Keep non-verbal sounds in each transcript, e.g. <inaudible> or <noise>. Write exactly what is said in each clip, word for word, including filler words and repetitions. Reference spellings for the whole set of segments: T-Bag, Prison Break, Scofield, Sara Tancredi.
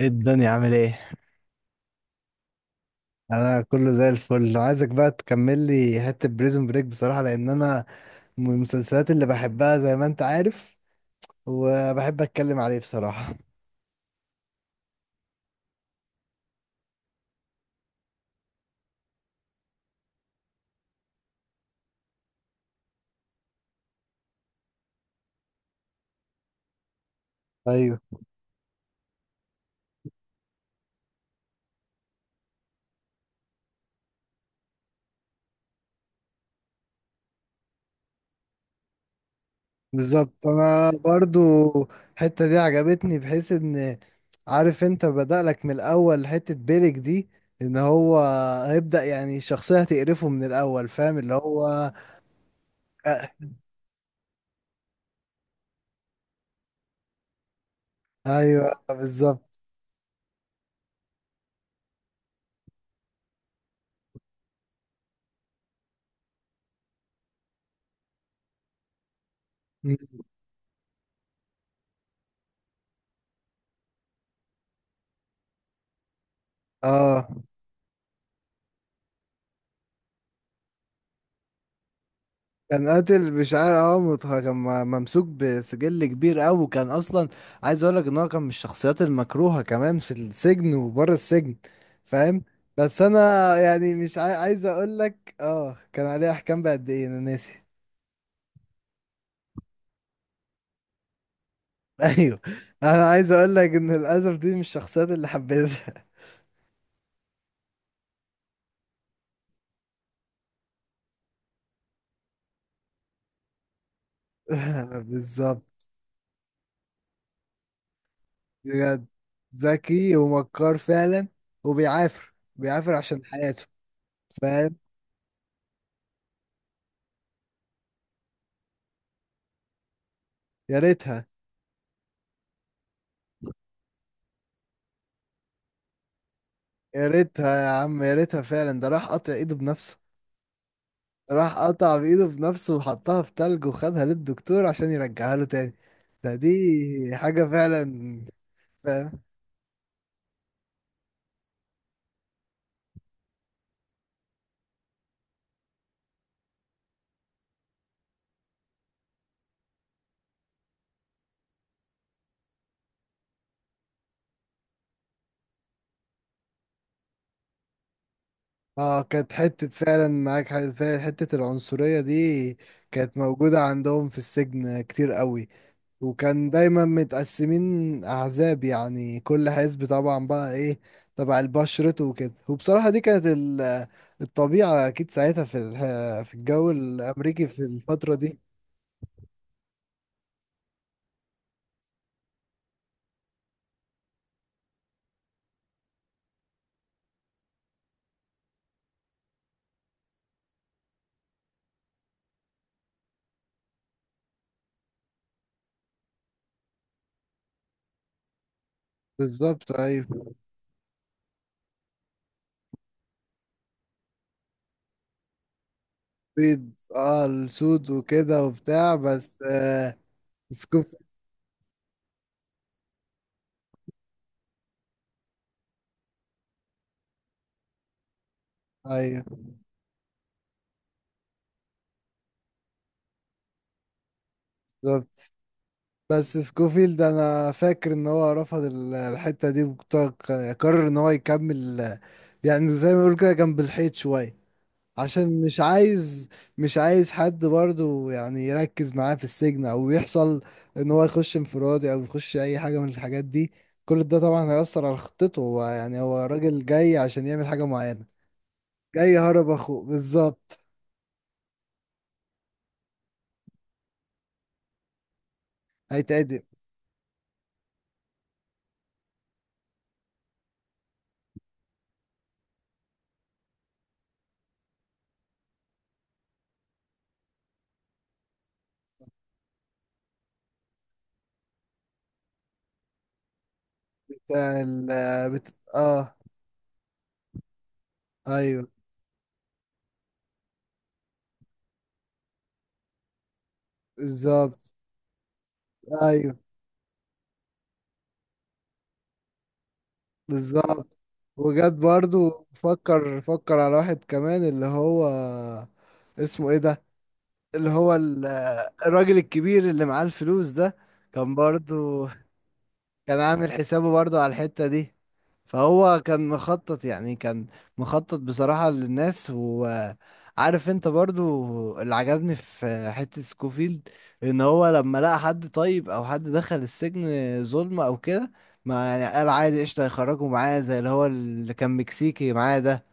ايه الدنيا عامل ايه؟ انا كله زي الفل، عايزك بقى تكمل لي حته بريزون بريك بصراحه، لان انا من المسلسلات اللي بحبها زي ما انت عارف، وبحب اتكلم عليه بصراحه. ايوه، بالظبط، انا برضو الحته دي عجبتني، بحيث ان عارف انت، بدأ لك من الاول حته بيلك دي، ان هو هيبدأ، يعني الشخصيه هتقرفه من الاول، فاهم اللي هو؟ ايوه، بالظبط. اه، كان قاتل بشعار، اه متخ- كان م- ممسوك بسجل كبير قوي، وكان اصلا عايز اقول لك ان هو كان من الشخصيات المكروهه كمان في السجن وبره السجن، فاهم؟ بس انا يعني مش عاي... عايز اقول لك، اه كان عليه احكام بقد ايه انا ناسي <laughs> ايوه، انا عايز اقول لك ان للاسف دي مش الشخصيات اللي حبيتها. <laughs> بالظبط، بجد، ذكي ومكار فعلا، وبيعافر بيعافر عشان حياته، فاهم؟ يا ريتها، يا ريتها يا عم، يا ريتها فعلا، ده راح قطع ايده بنفسه، راح قطع بايده بنفسه، وحطها في تلج، وخدها للدكتور عشان يرجعها له تاني. ده دي حاجة فعلا، فاهم؟ اه، كانت حتة فعلا، معاك حاجة فعلا، حتة العنصرية دي كانت موجودة عندهم في السجن كتير قوي، وكان دايما متقسمين احزاب، يعني كل حزب طبعا بقى ايه، تبع البشرته وكده، وبصراحة دي كانت ال- الطبيعة اكيد ساعتها في الح- في الجو الامريكي في الفترة دي. بالظبط، ايوه، بيض اه، السود وكده وبتاع، بس آه، سكوف. ايوه، بالظبط. بس سكوفيلد ده انا فاكر ان هو رفض ال- الحتة دي، وقرر ان هو يكمل، آه، يعني زي ما بيقولوا كده، جنب الحيط شوية، عشان مش عايز مش عايز حد برضو يعني يركز معاه في السجن، او يحصل ان هو يخش انفرادي، او يخش اي حاجة من الحاجات دي. كل ده طبعا هيأثر على خطته، هو يعني هو راجل جاي عشان يعمل حاجة معينة، جاي هرب اخوه بالظبط، هيتعدم. بتاع ال- بت... اه. ايوه، بالظبط. ايوه، بالظبط، وجات برضو، فكر فكر على واحد كمان اللي هو اسمه ايه ده، اللي هو ال- الراجل الكبير اللي معاه الفلوس ده، كان برضو كان عامل حسابه برضو على الحتة دي، فهو كان مخطط، يعني كان مخطط بصراحة للناس، وعارف انت برضو اللي عجبني في حتة سكوفيلد، ان هو لما لقى حد طيب او حد دخل السجن ظلم او كده، ما يعني قال عادي قشطة، هيخرجوا معاه زي اللي هو اللي كان مكسيكي معاه ده.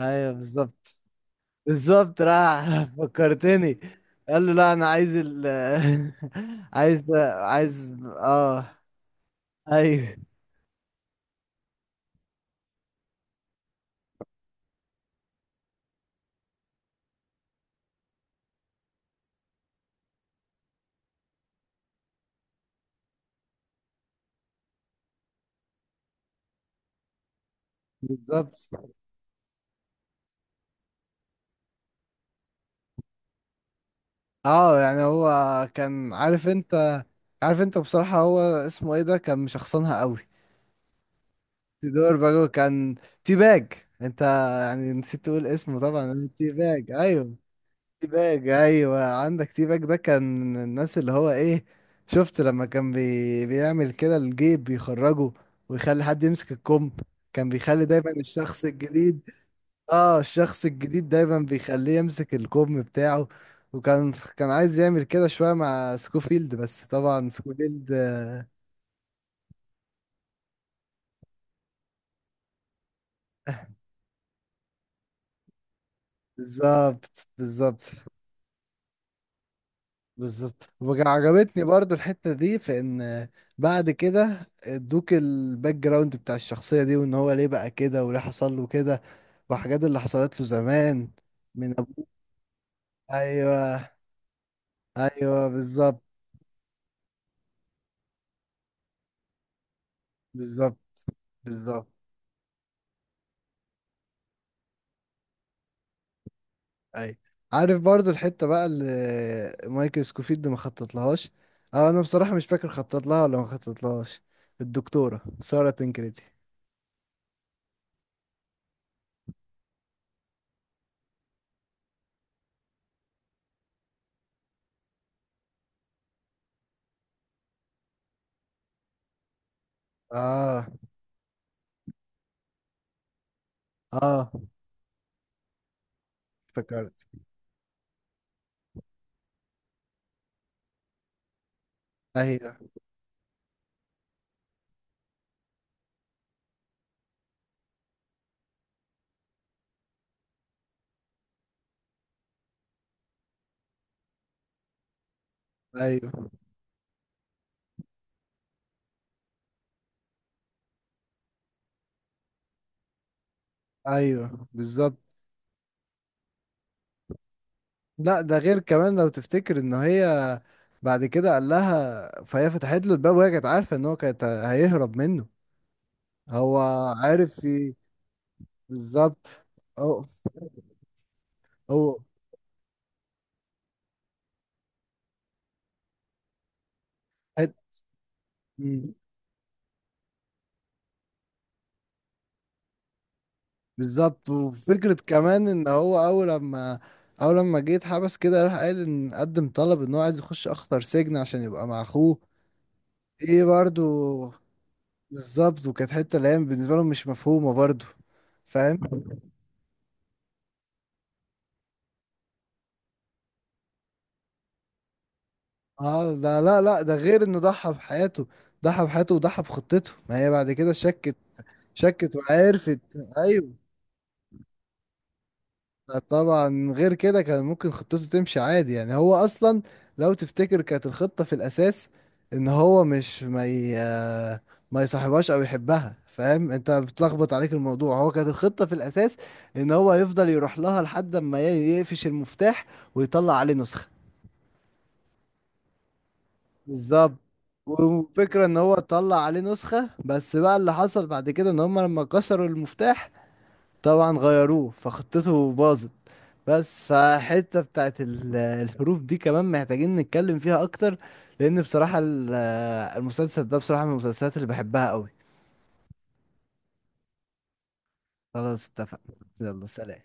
ايوه، بالظبط. بالظبط، راح <laughs> فكرتني. قال له لا، انا عايز ال <laughs> عايز، عايز اه. ايوه، بالظبط. اه، يعني هو كان عارف انت، عارف انت بصراحة، هو اسمه ايه ده، كان مشخصنها قوي. تيدور باجو، كان تي باج، انت يعني نسيت تقول اسمه، طبعا تي باج، ايوه. تي باج ايوه، عندك تي باج ده، كان الناس اللي هو ايه، شفت لما كان بي... بيعمل كده، الجيب بيخرجه، ويخلي حد يمسك الكم، كان بيخلي دايما الشخص الجديد. اه، الشخص الجديد دايما بيخليه يمسك الكم بتاعه، وكان كان عايز يعمل كده شوية مع سكوفيلد، بس طبعا سكوفيلد. بالظبط، بالظبط، بالظبط، وعجبتني برضو الحتة دي في ان بعد كده ادوك الباك جراوند بتاع الشخصية دي، وان هو ليه بقى كده وليه حصل له كده، وحاجات اللي حصلت له زمان من ابوه. ايوه، ايوه، بالظبط، بالظبط، بالظبط. ايوه، عارف برضو الحتة بقى اللي مايكل سكوفيلد ما خطط لهاش. اه انا بصراحة مش فاكر خطط لها ولا ما خطط لهاش، الدكتورة سارة تنكريتي. اه، اه، افتكرت. ايوه، ايوه، ايوه، بالظبط. لا ده غير كمان، لو تفتكر ان هي بعد كده قال لها، فهي فتحت له الباب، وهي كانت عارفه ان هو كانت هيهرب منه. هو عارف ي- بالظبط، هو هو حت- مم. بالظبط، وفكره كمان ان هو اول لما اول لما جه اتحبس كده، راح قال ان قدم طلب، ان هو عايز يخش اخطر سجن عشان يبقى مع اخوه. ايه برضو، بالظبط، وكانت حته اللي هي بالنسبه لهم مش مفهومه برضو، فاهم؟ اه ده لا لا، ده غير انه ضحى بحياته، ضحى بحياته وضحى بخطته، ما هي بعد كده شكت، شكت وعرفت. ايوه، طبعا غير كده كان ممكن خطته تمشي عادي، يعني هو اصلا لو تفتكر كانت الخطة في الاساس، ان هو مش ما ي... آه، ما يصاحبهاش او يحبها، فاهم انت بتلخبط عليك الموضوع، هو كانت الخطة في الاساس ان هو يفضل يروح لها لحد ما ي- يقفش المفتاح، ويطلع عليه نسخة. بالظبط، وفكرة ان هو طلع عليه نسخة، بس بقى اللي حصل بعد كده ان هم لما كسروا المفتاح، طبعا غيروه، فخطته باظت. بس فحتة بتاعت ال- الحروف دي كمان محتاجين نتكلم فيها اكتر، لان بصراحة ال- المسلسل ده بصراحة من المسلسلات اللي بحبها قوي. خلاص، اتفقنا، يلا سلام.